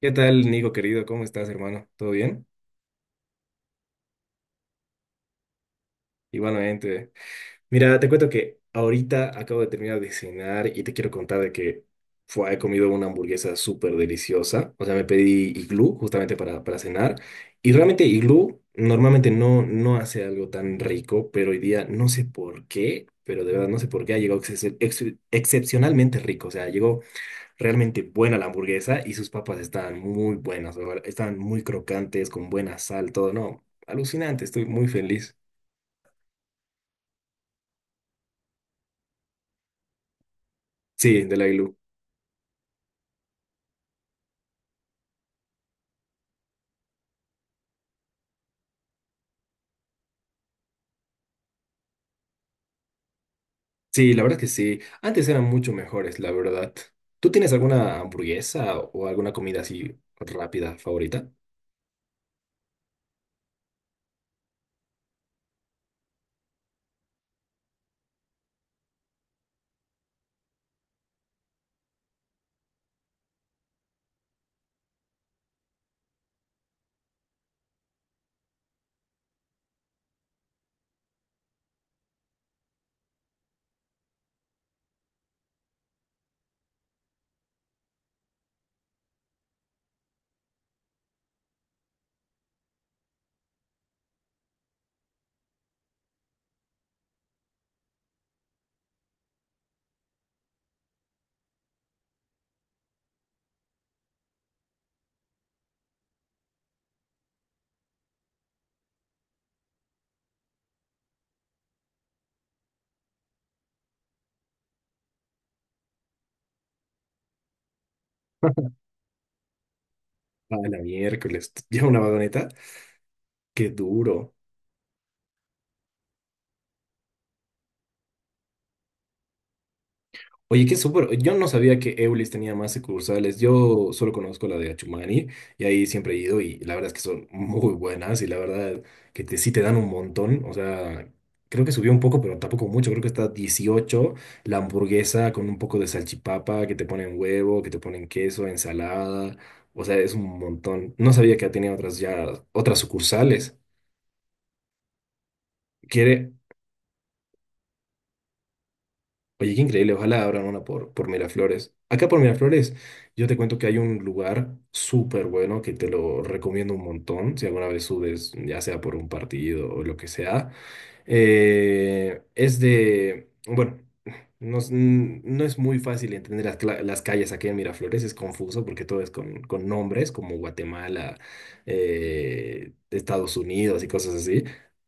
¿Qué tal, Nico, querido? ¿Cómo estás, hermano? ¿Todo bien? Igualmente. Mira, te cuento que ahorita acabo de terminar de cenar y te quiero contar de que fue, he comido una hamburguesa súper deliciosa. O sea, me pedí iglú justamente para cenar. Y realmente iglú normalmente no hace algo tan rico, pero hoy día no sé por qué, pero de verdad no sé por qué ha llegado excepcionalmente rico. O sea, llegó realmente buena la hamburguesa y sus papas estaban muy buenas, la verdad, estaban muy crocantes, con buena sal, todo, no, alucinante, estoy muy feliz. Sí, de la Ilu. Sí, la verdad que sí, antes eran mucho mejores, la verdad. ¿Tú tienes alguna hamburguesa o alguna comida así rápida favorita? Ah, la miércoles, lleva una vagoneta, qué duro. Oye, qué súper. Yo no sabía que Eulis tenía más sucursales. Yo solo conozco la de Achumani y ahí siempre he ido y la verdad es que son muy buenas y la verdad que te, sí te dan un montón. O sea, creo que subió un poco, pero tampoco mucho. Creo que está 18 la hamburguesa con un poco de salchipapa, que te ponen huevo, que te ponen queso, ensalada. O sea, es un montón. No sabía que tenía otras ya, otras sucursales. Quiere, oye, qué increíble, ojalá abran una por Miraflores. Acá por Miraflores, yo te cuento que hay un lugar súper bueno que te lo recomiendo un montón, si alguna vez subes, ya sea por un partido o lo que sea. Es de, bueno, no, es no es muy fácil entender las, las calles aquí en Miraflores, es confuso porque todo es con nombres como Guatemala, Estados Unidos y cosas así,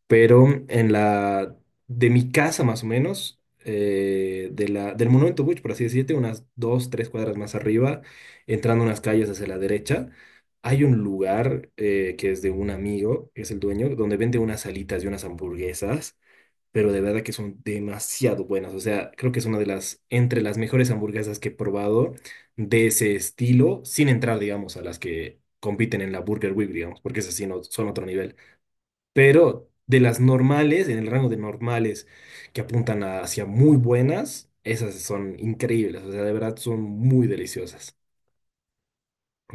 pero en la, de mi casa más o menos, de la, del Monumento Bush, por así decirte, unas dos, tres cuadras más arriba, entrando unas calles hacia la derecha. Hay un lugar que es de un amigo, que es el dueño, donde vende unas alitas y unas hamburguesas, pero de verdad que son demasiado buenas. O sea, creo que es una de las, entre las mejores hamburguesas que he probado de ese estilo, sin entrar, digamos, a las que compiten en la Burger Week, digamos, porque esas sí no, son otro nivel. Pero de las normales, en el rango de normales que hacia muy buenas, esas son increíbles. O sea, de verdad son muy deliciosas.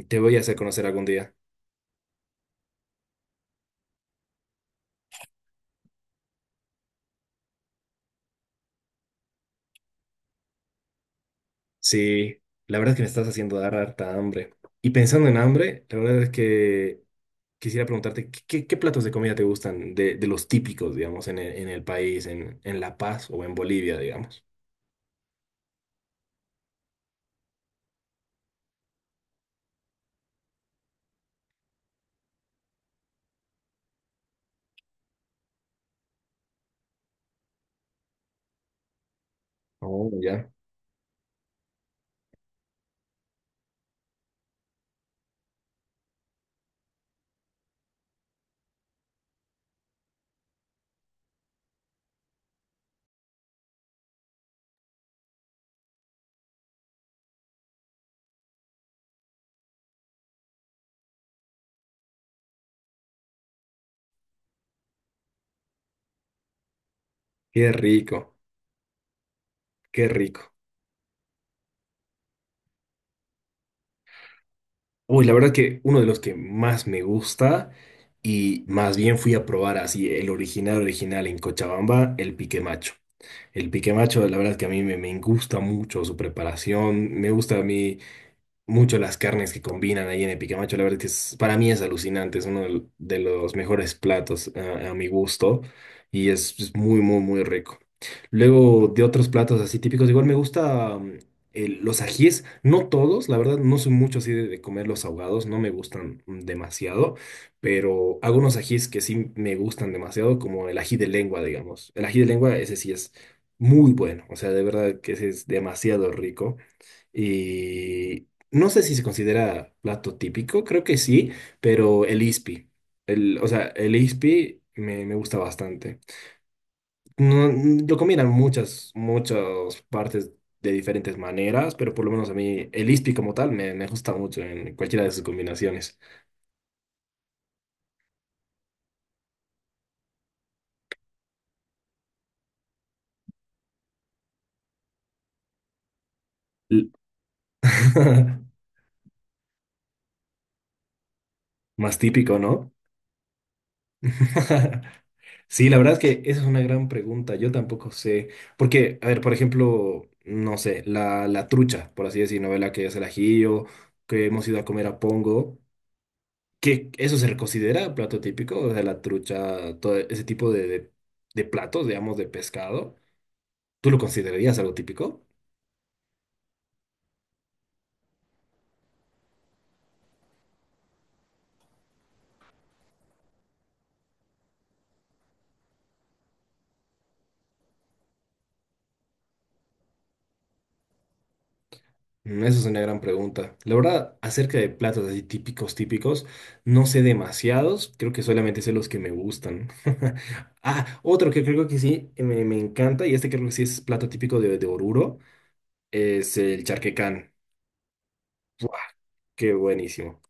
Te voy a hacer conocer algún día. Sí, la verdad es que me estás haciendo dar harta hambre. Y pensando en hambre, la verdad es que quisiera preguntarte, qué platos de comida te gustan de los típicos, digamos, en el país, en La Paz o en Bolivia, digamos? Oh, ya. Qué rico, qué rico. Uy, la verdad que uno de los que más me gusta y más bien fui a probar así el original original en Cochabamba, el pique macho. El pique macho, la verdad que a mí me, me gusta mucho su preparación, me gusta a mí mucho las carnes que combinan ahí en el picamacho. La verdad que es- para mí es alucinante, es uno del- de los mejores platos a mi gusto y es muy, muy, muy rico. Luego de otros platos así típicos, igual me gusta el- los ajíes, no todos, la verdad no soy mucho así de comer los ahogados, no me gustan demasiado, pero hago unos ajíes que sí me gustan demasiado, como el ají de lengua, digamos. El ají de lengua, ese sí es muy bueno, o sea, de verdad que ese es demasiado rico. Y no sé si se considera plato típico, creo que sí, pero el ispi. El, o sea, el ispi me, me gusta bastante. No, lo combinan muchas, muchas partes de diferentes maneras, pero por lo menos a mí el ispi como tal me, me gusta mucho en cualquiera de sus combinaciones. L- más típico, ¿no? Sí, la verdad es que esa es una gran pregunta. Yo tampoco sé. Porque, a ver, por ejemplo, no sé, la trucha, por así decir, novela que es el ajillo, que hemos ido a comer a Pongo, que eso se considera plato típico, o sea, la trucha, todo ese tipo de platos, digamos, de pescado. ¿Tú lo considerarías algo típico? Esa es una gran pregunta. La verdad, acerca de platos así típicos, típicos, no sé demasiados, creo que solamente sé los que me gustan. Ah, otro que creo que sí, me, me encanta, y este creo que sí es plato típico de Oruro, es el charquecán. ¡Buah! Qué buenísimo.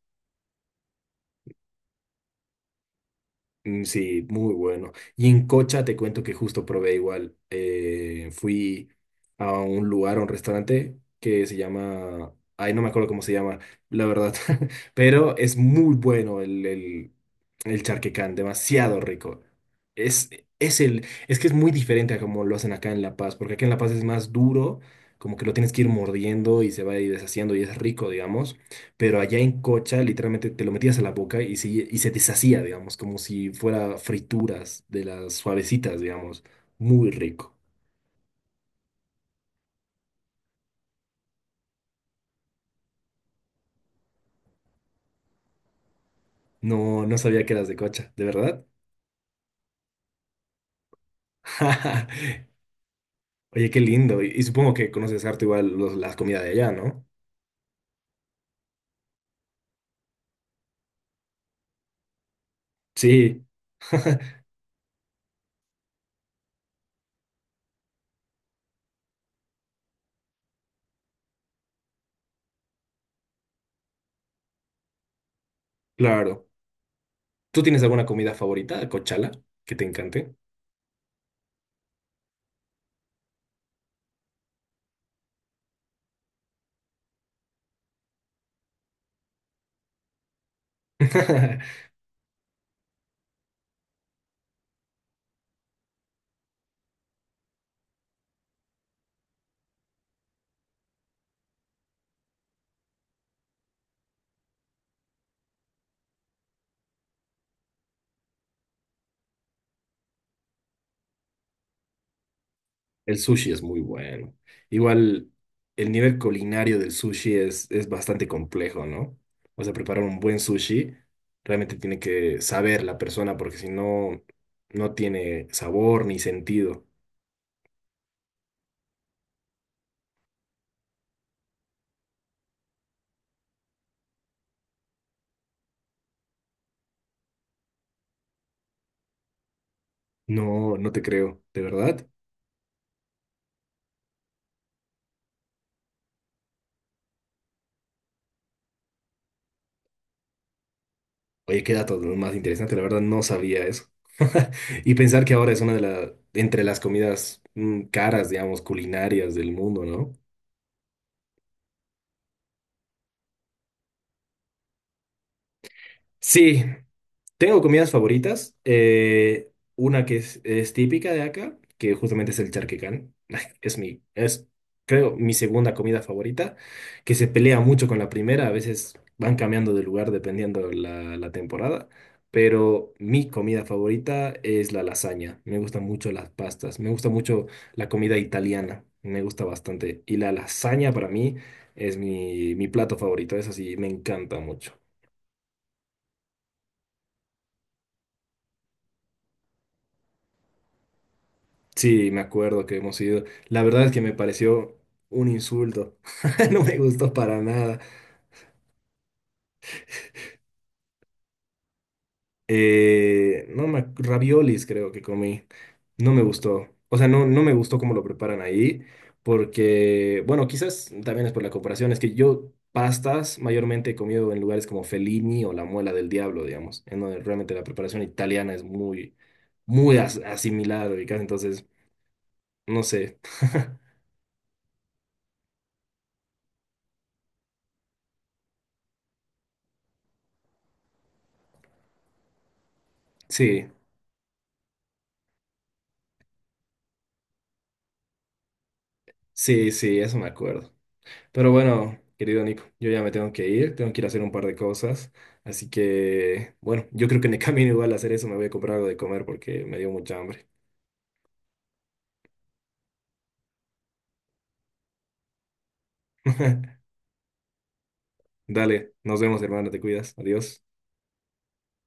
Mm, sí, muy bueno. Y en Cocha te cuento que justo probé igual. Fui a un lugar, a un restaurante que se llama... Ay, no me acuerdo cómo se llama, la verdad. Pero es muy bueno el charquecán, demasiado rico. Es, es el, es que es muy diferente a como lo hacen acá en La Paz, porque acá en La Paz es más duro, como que lo tienes que ir mordiendo y se va a ir deshaciendo y es rico, digamos, pero allá en cocha literalmente te lo metías a la boca y se deshacía, digamos, como si fuera frituras de las suavecitas, digamos. Muy rico. No, no sabía que eras de cocha, ¿de verdad? Oye, qué lindo. Y supongo que conoces harto igual los- las comidas de allá, ¿no? Sí, claro. ¿Tú tienes alguna comida favorita, cochala, que te encante? El sushi es muy bueno. Igual el nivel culinario del sushi es bastante complejo, ¿no? O sea, preparar un buen sushi realmente tiene que saber la persona porque si no, no tiene sabor ni sentido. No, no te creo, ¿de verdad? Oye, qué dato más interesante, la verdad no sabía eso. Y pensar que ahora es una de las, entre las comidas caras, digamos, culinarias del mundo, ¿no? Sí, tengo comidas favoritas. Una que es típica de acá, que justamente es el charquecán. Es mi, es, creo, mi segunda comida favorita, que se pelea mucho con la primera. A veces van cambiando de lugar dependiendo la, la temporada. Pero mi comida favorita es la lasaña. Me gustan mucho las pastas. Me gusta mucho la comida italiana. Me gusta bastante. Y la lasaña para mí es mi, mi plato favorito. Es así, me encanta mucho. Sí, me acuerdo que hemos ido. La verdad es que me pareció un insulto. No me gustó para nada. No me, raviolis creo que comí. No me gustó. O sea, no, no me gustó cómo lo preparan ahí. Porque, bueno, quizás también es por la comparación. Es que yo pastas mayormente he comido en lugares como Fellini o La Muela del Diablo, digamos. En donde realmente la preparación italiana es muy, asimilada, ubicás. Entonces, no sé. Sí, sí, sí, eso me acuerdo. Pero bueno, querido Nico, yo ya me tengo que ir a hacer un par de cosas. Así que, bueno, yo creo que en el camino igual a hacer eso me voy a comprar algo de comer porque me dio mucha hambre. Dale, nos vemos, hermano, te cuidas. Adiós.